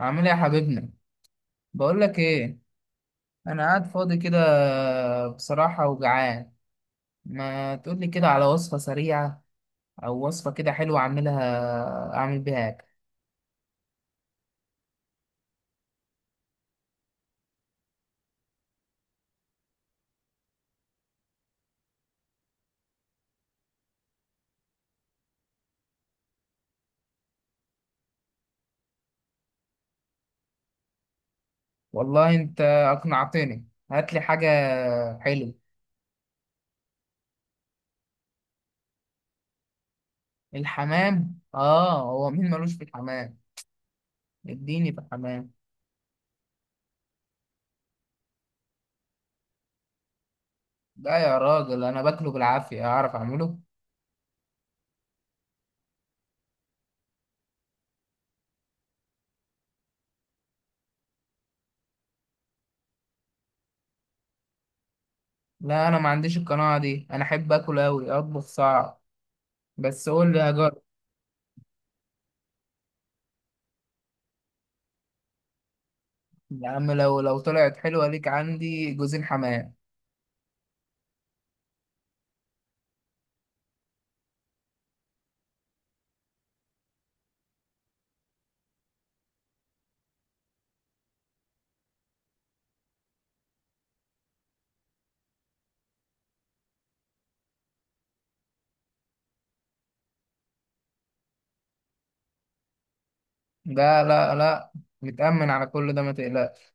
عامل ايه يا حبيبنا؟ بقول لك ايه، انا قاعد فاضي كده، بصراحة وجعان. ما تقول لي كده على وصفة سريعة او وصفة كده حلوة اعملها، اعمل بيها اكل. والله انت اقنعتني، هات لي حاجة حلوة. الحمام، اه هو مين ملوش في الحمام؟ اديني في الحمام. لا يا راجل انا باكله بالعافية، اعرف اعمله. لا انا ما عنديش القناعة دي، انا احب اكل اوي، اطبخ صعب، بس قول لي. يا عم لو طلعت حلوة ليك عندي جوزين حمام. لا لا لا، متأمن على كل ده ما تقلقش.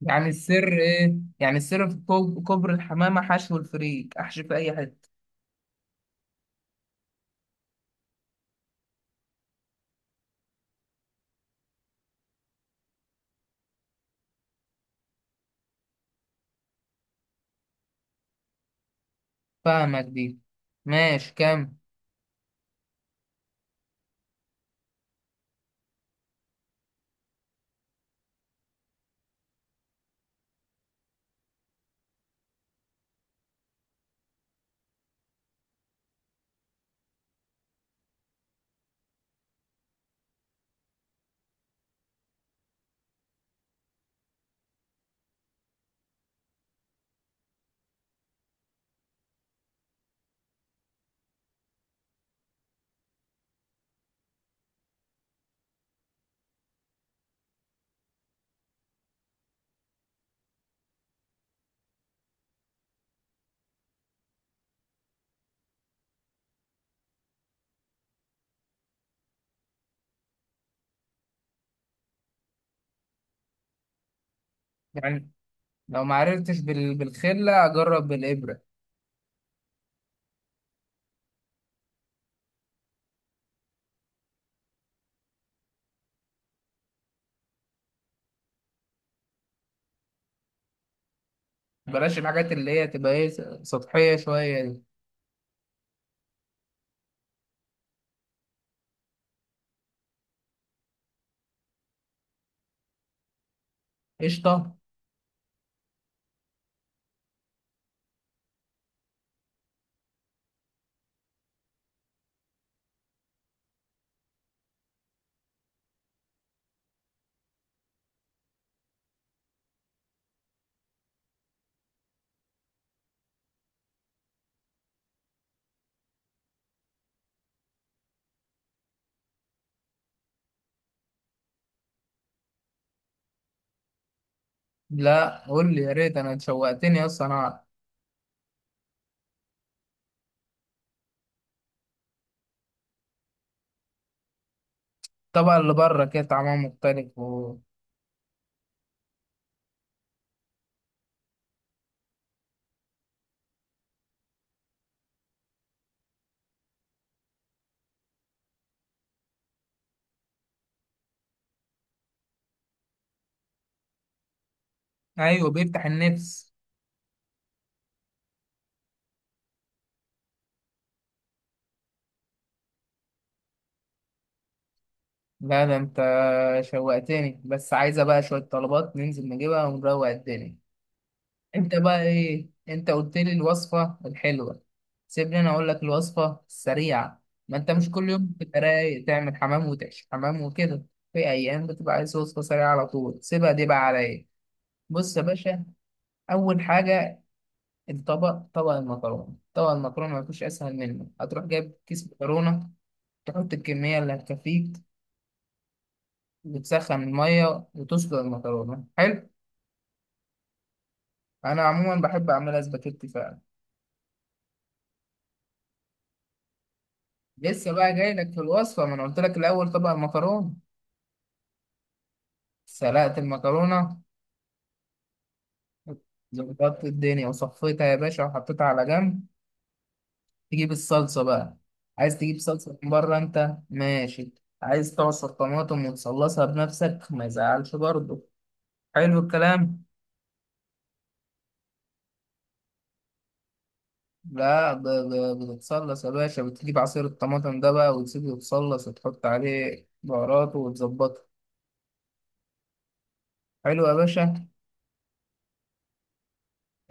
يعني السر ايه؟ يعني السر في كوبري الحمامة، حشو الفريك، احشي في اي حتة. فاهمك دي، ماشي كم. يعني لو ما عرفتش بالخلة اجرب بالإبرة. بلاش الحاجات اللي هي تبقى ايه، سطحية شوية دي. قشطة. لا قول لي يا ريت، انا شوقتني اصلا انا. الطبقة اللي بره كده طعمها مختلف ايوه بيفتح النفس. لا ده انت شوقتني، بس عايزة بقى شوية طلبات ننزل نجيبها ونروق الدنيا. انت بقى ايه؟ انت قلت لي الوصفة الحلوة، سيبني انا اقول لك الوصفة السريعة. ما انت مش كل يوم بتبقى رايق تعمل حمام وتعيش حمام وكده. في ايام بتبقى عايز وصفة سريعة على طول، سيبها دي بقى عليا. بص يا باشا، اول حاجة الطبق، طبق المكرونة، طبق المكرونة ما فيش اسهل منه. هتروح جايب كيس مكرونة، تحط الكمية اللي هتكفيك، وتسخن المية وتسلق المكرونة، حلو. انا عموما بحب اعملها سباكيتي فعلا. لسه بقى جاي لك في الوصفه، ما انا قلت لك الاول طبق المكرونه. سلقت المكرونه، ظبطت الدنيا وصفيتها يا باشا وحطيتها على جنب. تجيب الصلصه بقى، عايز تجيب صلصه من بره انت؟ ماشي. عايز تعصر طماطم وتصلصها بنفسك ما يزعلش برضه، حلو الكلام. لا بتتصلص يا باشا، بتجيب عصير الطماطم ده بقى وتسيبه يتصلص وتحط عليه بهاراته وتظبطه، حلو يا باشا.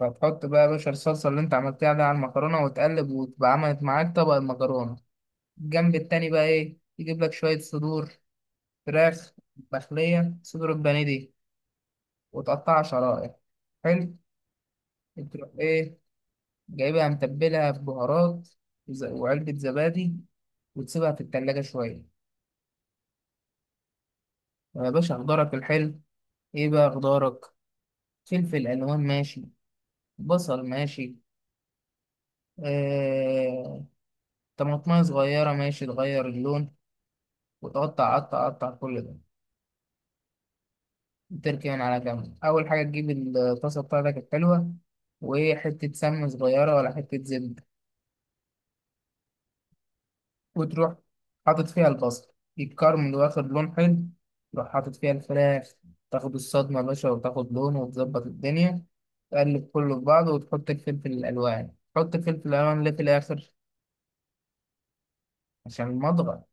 فتحط بقى يا باشا الصلصة اللي انت عملتها دي على المكرونة وتقلب، وتبقى عملت معاك طبق المكرونة. الجنب التاني بقى ايه؟ يجيب لك شوية صدور فراخ، مخلية صدور البانيه دي، وتقطعها شرائح، حلو. تروح ايه، جايبها متبلها ببهارات وعلبة زبادي، وتسيبها في التلاجة شوية. يا باشا خضارك الحلو، ايه بقى خضارك؟ فلفل ألوان ماشي، بصل ماشي، آه... طماطماية صغيرة ماشي تغير اللون، وتقعد تقطع قطع كل ده. تركي من على جنب، أول حاجة تجيب الطاسة بتاعتك الحلوة وحتة سمنة صغيرة ولا حتة زبدة، وتروح حاطط فيها البصل يتكرمل واخد لون حلو، تروح حاطط فيها الفراخ، تاخد الصدمة يا باشا وتاخد لون وتظبط الدنيا. تقلب كله في بعضه وتحط الفلفل الألوان. ليه في الآخر؟ عشان المضغة،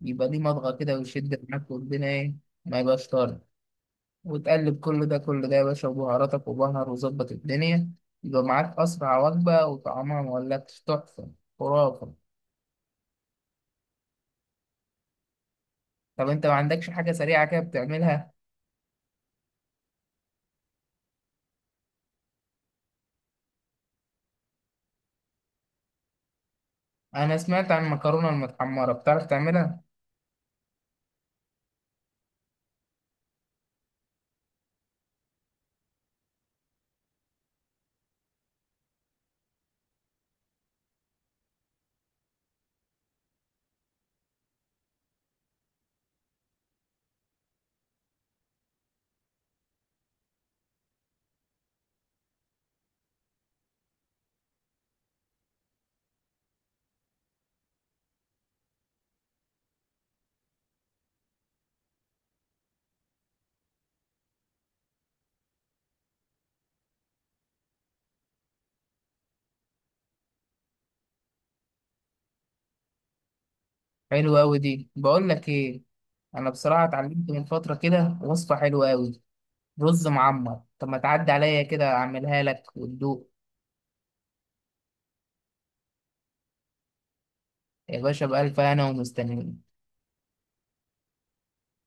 يبقى ليه مضغة كده ويشد معاك والدنيا إيه، ما يبقاش طارد. وتقلب كل ده يا باشا وبهاراتك وبهر وظبط الدنيا، يبقى معاك أسرع وجبة وطعمها مولكش تحفة، خرافة. طب أنت ما عندكش حاجة سريعة كده بتعملها؟ أنا سمعت عن المكرونة المتحمرة، بتعرف تعملها؟ حلوة أوي دي، بقول لك إيه، أنا بصراحة اتعلمت من فترة كده وصفة حلوة أوي، رز معمر. طب ما تعدي عليا كده أعملها لك وتدوق. يا باشا بألف هنا ومستنيين.